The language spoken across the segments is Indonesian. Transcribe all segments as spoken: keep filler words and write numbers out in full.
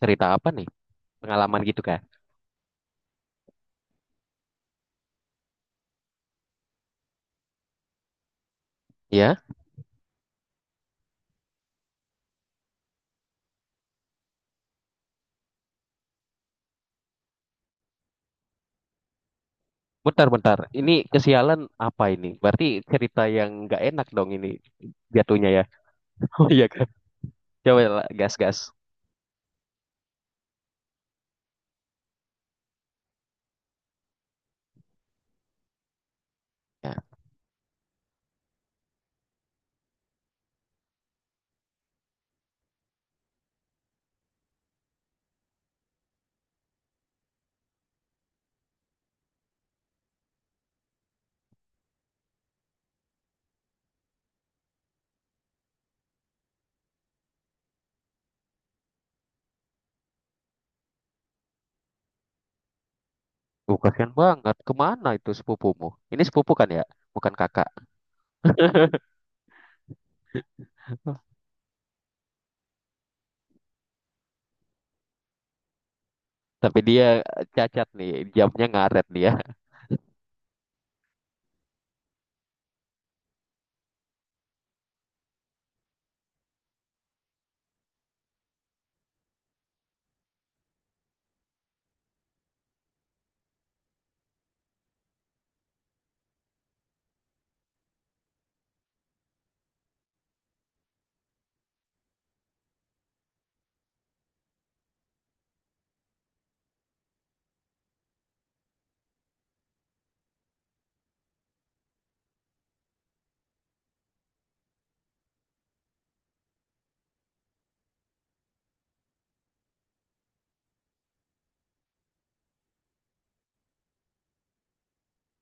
Cerita apa nih? Pengalaman gitu kan? Ya, bentar-bentar. Ini kesialan apa ini? Berarti cerita yang nggak enak dong ini jatuhnya ya. Oh iya kan? Coba lah, gas-gas. Ya. Uh, kasihan banget. Kemana itu sepupumu? Ini sepupu kan ya? Bukan kakak. Tapi dia cacat nih, jamnya ngaret dia.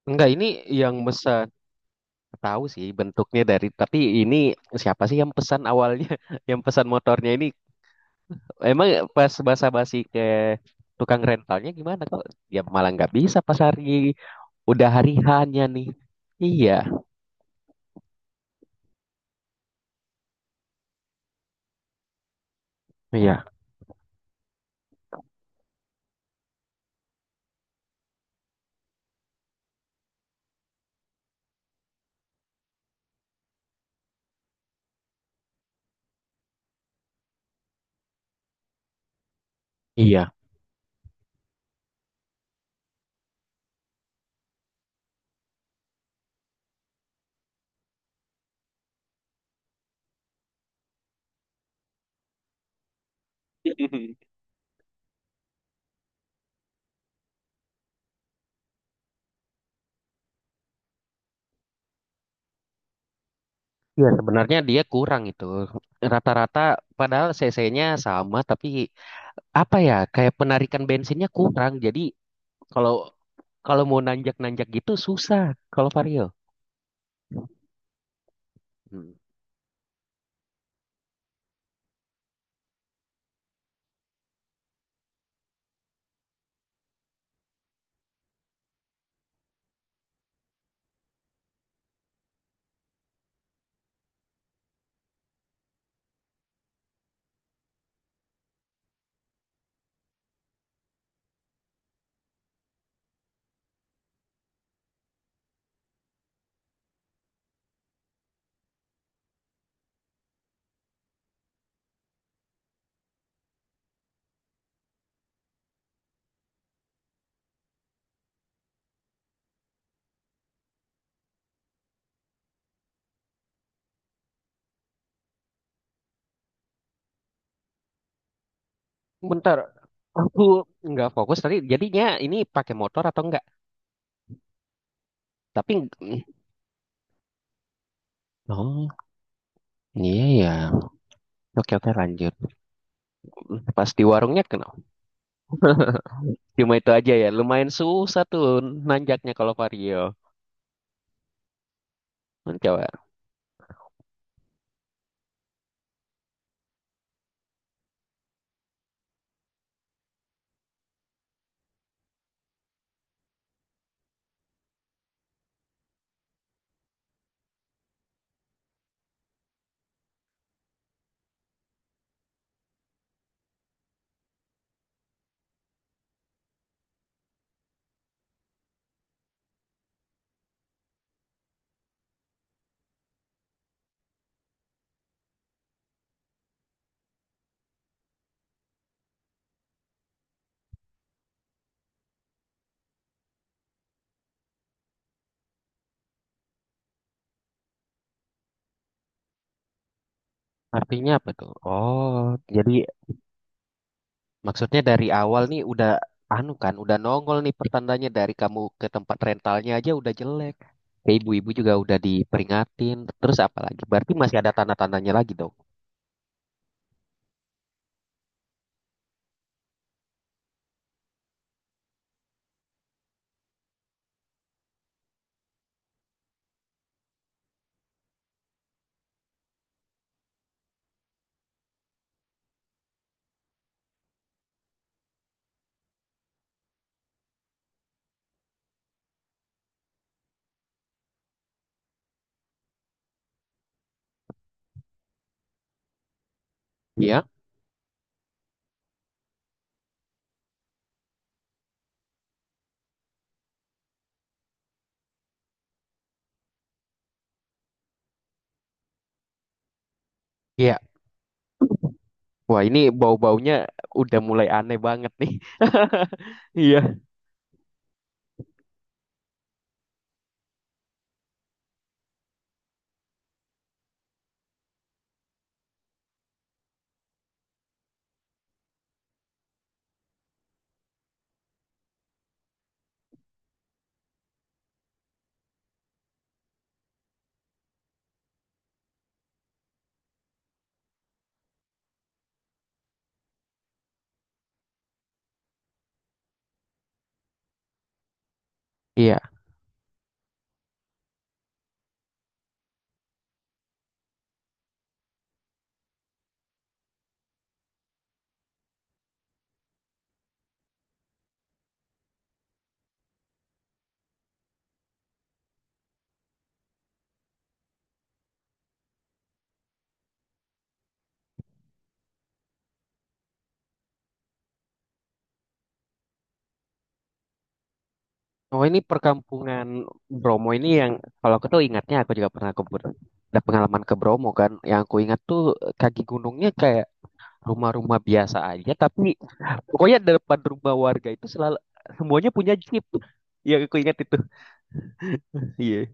Enggak, ini yang pesan. Tahu sih bentuknya dari, tapi ini siapa sih yang pesan awalnya? Yang pesan motornya ini. Emang pas basa-basi ke tukang rentalnya gimana kok? Ya malah nggak bisa pas hari udah hari hanya nih. Iya, iya, iya. Iya, sebenarnya dia kurang itu. Rata-rata padahal C C-nya sama tapi apa ya? Kayak penarikan bensinnya kurang. Jadi kalau kalau mau nanjak-nanjak gitu susah kalau Vario. Hmm. Bentar, aku nggak fokus tadi. Jadinya ini pakai motor atau enggak? Tapi oh, iya ya. Oke oke lanjut. Pas di warungnya kenal. Cuma itu aja ya. Lumayan susah tuh nanjaknya kalau vario. Kan coba. Artinya apa tuh? Oh, jadi maksudnya dari awal nih udah anu kan, udah nongol nih pertandanya dari kamu ke tempat rentalnya aja udah jelek. Ke ibu-ibu juga udah diperingatin. Terus apa lagi? Berarti masih ada tanda-tandanya lagi dong. Iya. Iya. Wah, ini bau-baunya udah mulai aneh banget nih. Iya. Iya. Oh ini perkampungan Bromo ini yang kalau aku tuh ingatnya aku juga pernah ke ada pengalaman ke Bromo kan. Yang aku ingat tuh kaki gunungnya kayak rumah-rumah biasa aja tapi pokoknya depan rumah warga itu selalu semuanya punya jeep. Yang aku ingat itu. Iya.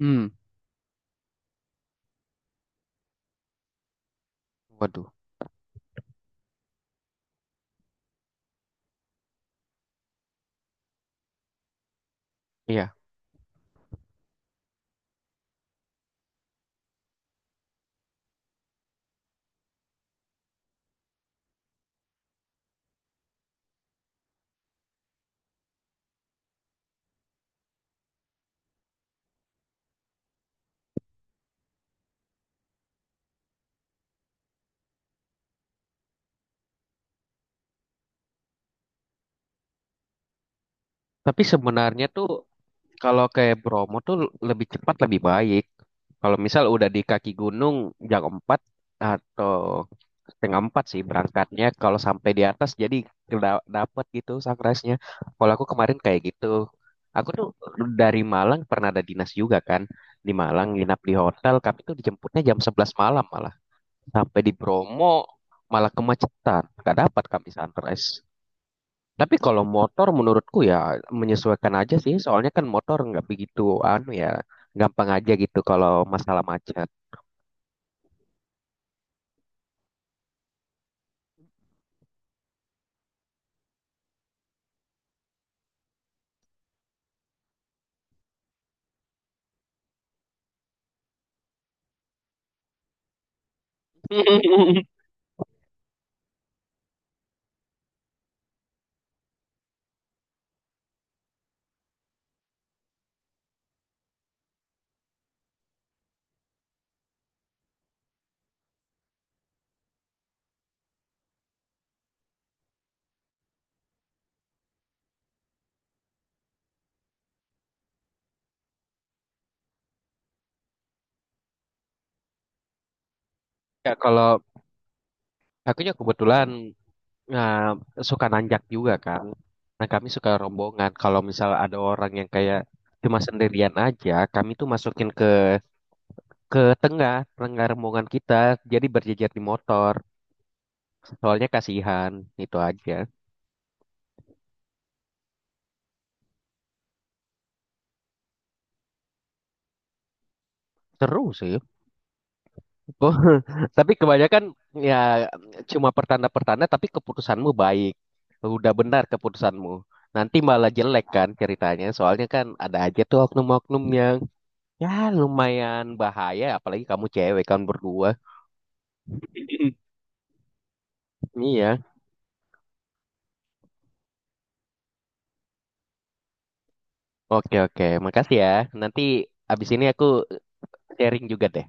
Hmm. Waduh. Iya. Tapi sebenarnya tuh kalau kayak Bromo tuh lebih cepat lebih baik. Kalau misal udah di kaki gunung jam empat atau setengah empat sih berangkatnya. Kalau sampai di atas jadi da- dapet gitu sunrise-nya. Kalau aku kemarin kayak gitu. Aku tuh dari Malang pernah ada dinas juga kan. Di Malang nginap di hotel. Kami tuh dijemputnya jam sebelas malam malah. Sampai di Bromo malah kemacetan. Gak dapat kami sunrise. Tapi kalau motor menurutku ya menyesuaikan aja sih. Soalnya kan motor nggak begitu anu ya gampang aja gitu kalau masalah macet. Ya kalau akunya kebetulan nah, suka nanjak juga kan. Nah kami suka rombongan. Kalau misal ada orang yang kayak cuma sendirian aja, kami tuh masukin ke ke tengah tengah rombongan kita. Jadi berjejer di motor. Soalnya kasihan itu aja. Seru sih. Tapi kebanyakan ya cuma pertanda-pertanda. Tapi keputusanmu baik. Udah benar keputusanmu. Nanti malah jelek kan ceritanya. Soalnya kan ada aja tuh oknum-oknum yang Ya, lumayan bahaya, apalagi kamu cewek kan berdua. Iya. Oke, oke. Makasih ya. Nanti abis ini aku sharing juga deh.